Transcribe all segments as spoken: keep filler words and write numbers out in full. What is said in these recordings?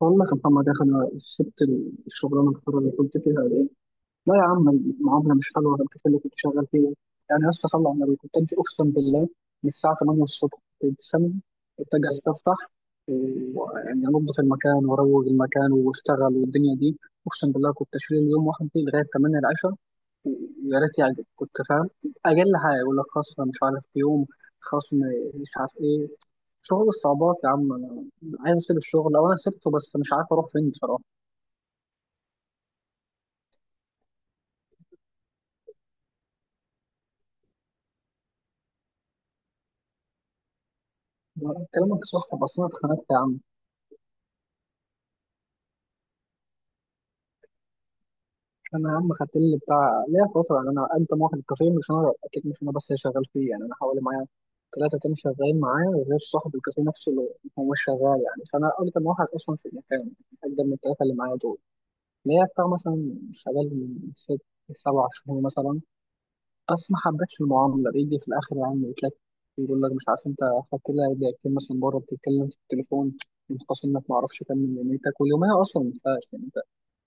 بقول لك يا محمد يا اخي، انا سبت الشغلانه الحره اللي كنت فيها دي. لا يا عم، المعامله مش حلوه غير كده اللي كنت شغال فيها. يعني يا اسطى صلى على النبي، كنت اجي اقسم بالله من الساعه ثمانية الصبح كنت سامع، كنت اجي استفتح ويعني انضف المكان واروق المكان واشتغل والدنيا دي. اقسم بالله كنت اشيل يوم واحد دي لغايه ثمانية العشاء، ويا ريت يعجب، كنت فاهم؟ اقل حاجه يقول لك خصم مش عارف يوم، خصم مش عارف ايه، شغل الصعوبات. يا عم انا عايز اسيب الشغل، او انا سبته بس مش عارف اروح فين بصراحه. كلامك صح بس انا اتخانقت يا عم. انا يا عم خدت لي بتاع ليا فتره، يعني انا انت واحد الكافيه، مش انا اكيد، مش انا بس اللي شغال فيه، يعني انا حوالي معايا ثلاثه تاني شغالين معايا غير صاحب الكافيه نفسه اللي هو مش شغال. يعني فانا اقدم واحد اصلا في المكان، اقدم من الثلاثه اللي معايا دول. ليا بتاع مثلا شغال من ست سبع شهور مثلا. بس ما حبيتش المعامله، بيجي في الاخر يعني يتلك، يقول لك مش عارف انت خدت لها دقيقتين مثلا بره بتتكلم في التليفون، متخاصم انك ما اعرفش كام من يوميتك، واليوميه اصلا ما ينفعش،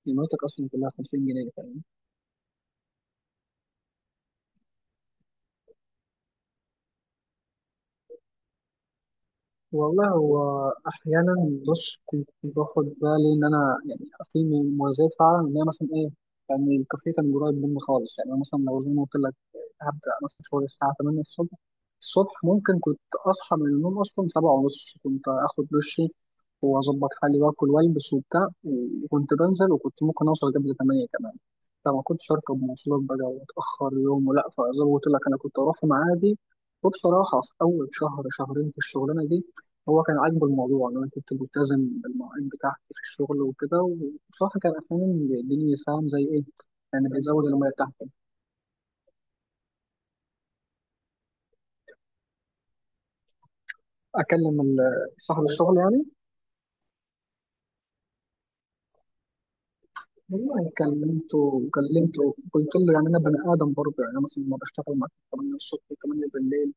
قيمتك اصلا كلها خمسين جنيه، فاهم. والله هو احيانا، بص كنت باخد بالي ان انا يعني في مميزات فعلا، ان هي مثلا ايه، يعني الكافيه كان قريب مني خالص. يعني أنا مثلا لو زي ما قلت لك هبدا مثلا شغل الساعه ثمانية الصبح، الصبح ممكن كنت اصحى من النوم اصلا 7 ونص، كنت اخد دشي واظبط حالي واكل والبس وبتاع، وكنت بنزل وكنت ممكن اوصل قبل ثمانية كمان. فما كنتش اركب مواصلات بقى واتاخر يوم، ولا فزي ما قلت لك انا كنت اروح في ميعادي. وبصراحه في اول شهر شهرين في الشغلانه دي هو كان عاجبه الموضوع ان انا كنت ملتزم بالمواعيد بتاعتي في الشغل وكده، وبصراحه كان احيانا بيديني، فاهم زي ايه، يعني بيزود الميه بتاعتي. اكلم ال- صاحب الشغل يعني. والله كلمته، كلمته قلت له يعني انا بني ادم برضه. يعني أنا مثلا لما بشتغل معاك ثمانية الصبح ثمانية بالليل،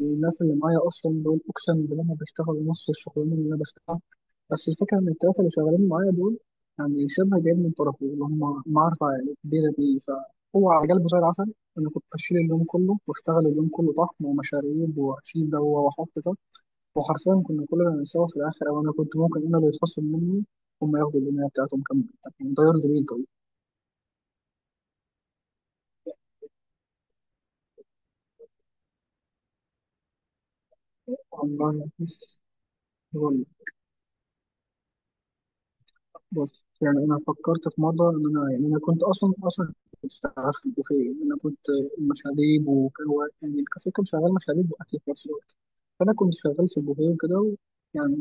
الناس اللي معايا اصلا دول اقسم بالله انا بشتغل نص الشغلانه اللي انا بشتغلها. بس الفكره ان الثلاثه اللي شغالين معايا دول يعني شبه جايين من طرفي، اللي هم معرفه يعني كبيره دي، فهو على قلبه زي العسل. انا كنت اشيل اليوم كله واشتغل اليوم كله طحن ومشاريب واشيل ده واحط ده، وحرفيا كنا كلنا بنساوي في الاخر، او انا كنت ممكن انا اللي يتخصم مني، هم ياخدوا الدنيا بتاعتهم كامله. يعني ده يرضي بيك؟ والله بص. والله بص، يعني انا فكرت في مره ان انا، يعني انا كنت اصلا اصلا كنت شغال في البوفيه، انا كنت مشاريب، وكان هو- يعني الكافيه كان شغال مشاريب واكل في نفس الوقت، فانا كنت شغال في البوفيه وكده و- يعني.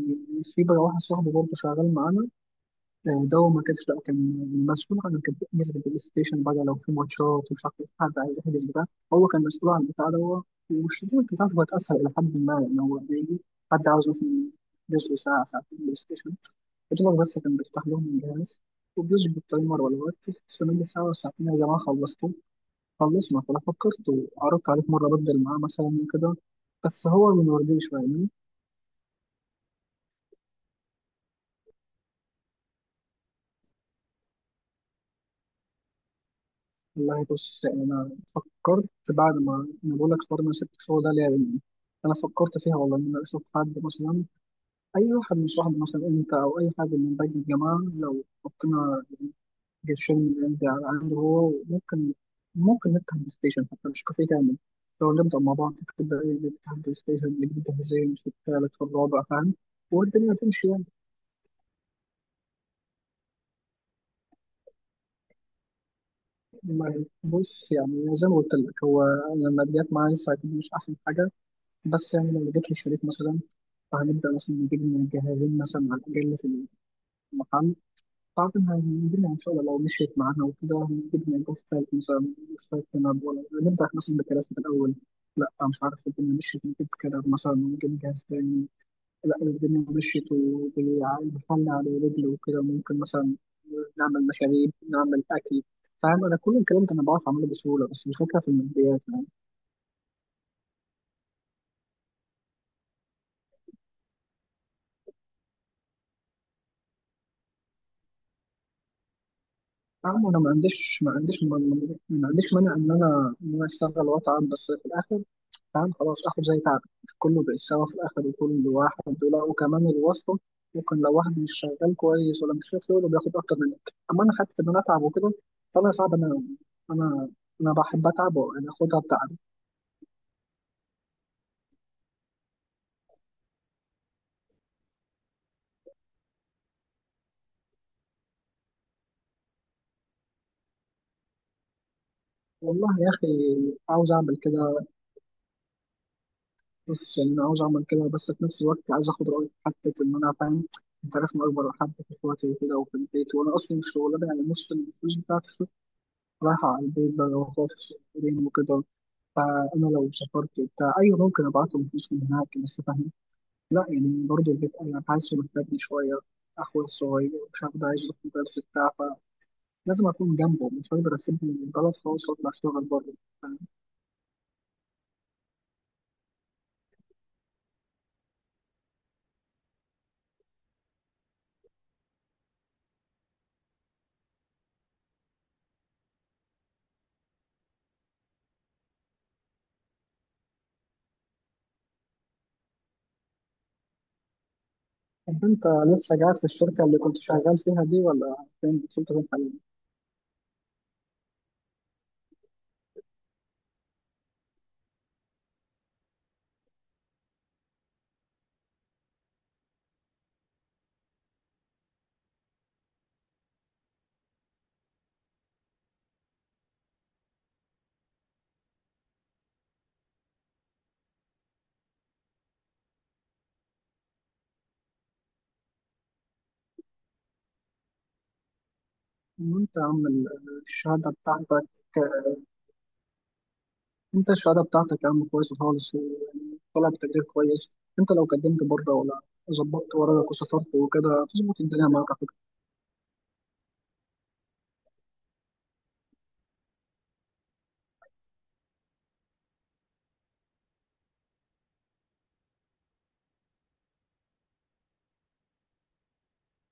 في بقى واحد صاحبي برضه شغال معانا، آه، ده هو ما كانش، لا كان مسؤول عن، كان بيحجز البلاي ستيشن بقى لو في ماتشات، ومش عارف إيه، حد عايز يحجز بتاع، هو كان مسؤول عن البتاع ده. والشغل بتاعته كانت اسهل الى حد ما، يعني هو بيجي حد عاوز مثلا جزء ساعة ساعتين بلاي ستيشن، فضل بس كان بيفتح لهم الجهاز وبيظبط تايمر ولا وقت، استنى ساعة ولا ساعتين يا جماعة خلصتوا، خلصنا. فأنا فكرت وعرضت عليه في مرة أبدل معاه مثلا وكده، بس هو من وردي شوية يعني. والله بص أنا فكرت بعد ما، أنا بقول لك حوار إن أنا سبت الشغل ده ليه يعني. أنا فكرت فيها والله إن أنا أشوف حد مثلا أي واحد من صحابي، مثلا أنت أو أي حد من باقي الجماعة، لو حطينا الفيلم اللي عندي عنده هو ممكن، ممكن نفتح بلاي ستيشن حتى مش كافيه كامل. لو نبدأ مع بعض كده إيه، نفتح بلاي ستيشن نجيب جهازين في الثالث في الرابع، فاهم، والدنيا هتمشي يعني. ما- بص يعني زي ما قلت لك هو لما جت معايا لسه هتبقى مش أحسن حاجة، بس يعني لو جبت لي شريك مثلا، فهنبدأ مثلا نجيب من الجهازين مثلا على الأقل في المحل. أعتقد هنجيبها إن شاء الله، لو مشيت معانا وكده هنجيبها، يبقى في فايت مثلا مش فايت نلعب، ولا نبدأ مثلا بكراسة الأول، لا مش عارف. الدنيا مشيت نجيب كده مثلا، ممكن نجهز تاني. لا لو الدنيا مشيت وبالحل على رجل وكده ممكن مثلا نعمل مشاريب نعمل أكل، فاهم. أنا كل الكلام ده أنا بعرف أعمله بسهولة، بس الفكرة في الماديات يعني. فاهم، أنا ما عنديش، ما عنديش ما ما- ما عنديش مانع إن أنا، إن أنا أشتغل وأتعب، بس في الآخر فاهم خلاص اخد زي تعب كله، بقت سوا في الاخر وكل واحد، ولا وكمان الواسطه، ممكن لو واحد مش شغال كويس ولا مش شايف شغله بياخد اكتر منك، اما انا حتى ان انا اتعب وكده. فانا صعب انا انا انا بحب اتعب وانا اخدها بتعب. والله يا اخي عاوز اعمل كده، بس يعني انا عاوز اعمل كده بس في نفس الوقت عايز اخد رايك حتى ان انا فاهم. انت عارف انا اكبر حد في اخواتي وكده وفي البيت، وانا اصلا الشغلانه يعني نص الفلوس بتاعتي رايحه على البيت بقى واخواتي الصغيرين وكده. فانا لو سافرت وبتاع ايوه ممكن ابعت له فلوس من هناك، بس فاهم لا، يعني برضه البيت انا حاسه محتاجني شويه، اخويا الصغير مش عارف ده عايز يروح مدرسه بتاع، فلازم اكون جنبه، مش هقدر اسيبه من البلد خالص واطلع اشتغل بره، فاهم؟ طب انت لسه قاعد في الشركه اللي كنت شغال فيها دي؟ ولا فين، كنت فين حاليا؟ وانت يا عم ال- الشهاده بتاعتك، انت الشهاده بتاعتك يا عم كويسه خالص ويعني طلع بتقدير كويس. انت لو قدمت بره، ولا ظبطت ورقك وسافرت وكده، هتظبط الدنيا معاك.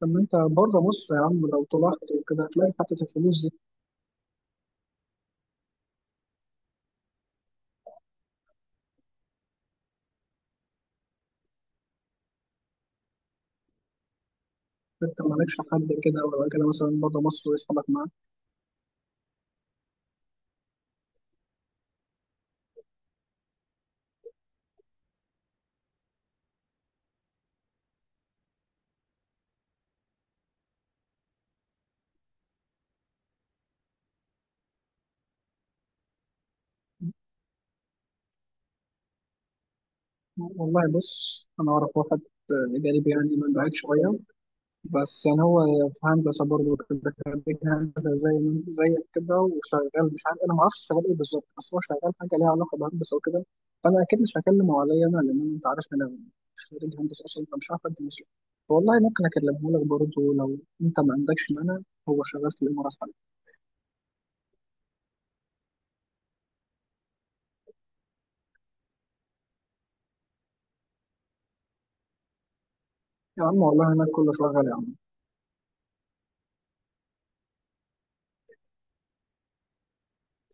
طب ما انت بره مصر يا عم، لو طلعت وكده هتلاقي حتة الفلوس دي. انت مالكش حد كده ولا كده مثلا بره مصر ويسحبك معاك؟ والله بص انا اعرف واحد جانبي يعني من بعيد شوية، بس يعني هو في هندسة برضه كده، خريج هندسة زي زيك كده، وشغال مش عارف، انا ما اعرفش شغال ايه بالظبط، بس هو شغال حاجة ليها علاقة بهندسة وكده. فانا اكيد مش هكلمه عليا انا، لان انت عارف انا مش خريج هندسة اصلا، فمش عارف ادي مصر. والله ممكن اكلمه لك برضه لو انت ما عندكش مانع. هو شغال في الامارات. يا عم والله هناك كله شغال يا عم.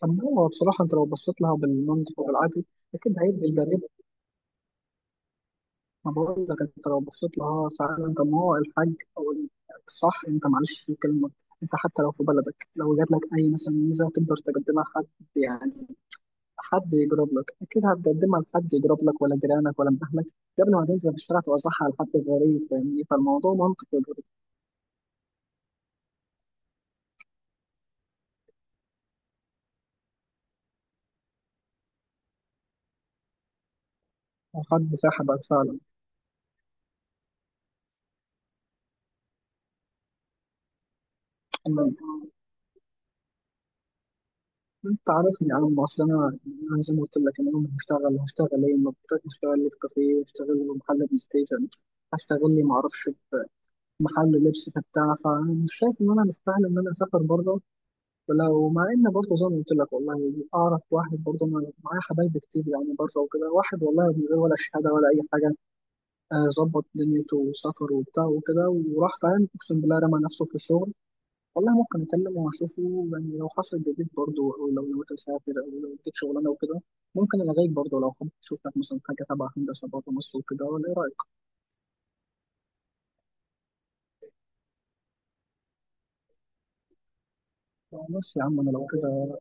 طب هو بصراحة أنت لو بصيت لها بالمنطق وبالعقل أكيد هيدي الجريمة. ما بقول لك أنت لو بصيت لها ساعتها، طب ما هو الحاج أو ال- الصح، أنت معلش في الكلمة. أنت حتى لو في بلدك، لو جات لك أي مثلا ميزة تقدر تقدمها لحد، يعني حد يجرب لك، أكيد هتقدمها لحد يجرب لك ولا جيرانك ولا من أهلك، قبل ما تنزل في الشارع توزعها على حد غريب، فاهمني، فالموضوع منطقي برضه. وحد ساحبك فعلا. انت عارفني يا عم اصل انا، انا زي ما قلت لك، انا يوم هشتغل هشتغل ايه؟ ما بقدرش. هشتغل لي في كافيه، هشتغل لي في محل بلاي ستيشن، هشتغل لي ما اعرفش في محل لبس بتاع، فمش شايف ان انا مستاهل ان انا اسافر بره. ولو مع ان برضه زي ما قلت لك والله اعرف واحد برضه، انا معايا حبايب كتير يعني بره وكده، واحد والله من غير ولا شهاده ولا اي حاجه، آه، ظبط دنيته وسافر وبتاع وكده وراح، فاهم، اقسم بالله رمى نفسه في الشغل. والله ممكن اكلمه واشوفه، يعني لو حصل جديد برضه، او لو نويت اسافر، او لو اديك شغلانه وكده ممكن الغيك برضه، لو حابب تشوف لك مثلا حاجه تبع هندسه بره مصر وكده، ولا ايه رايك؟ آه، بس يا عم انا لو كده،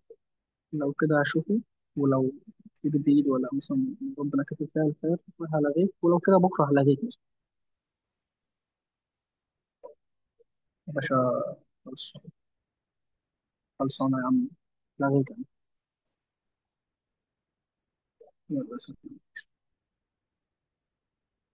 لو كده هشوفه، ولو في جديد ولا مثلا ربنا كاتب فيها الخير هلغيك، ولو كده بكره هلغيك مثلا. يا باشا، خلص- خلصانه يا عم، لغيك يعني. يلا سلام.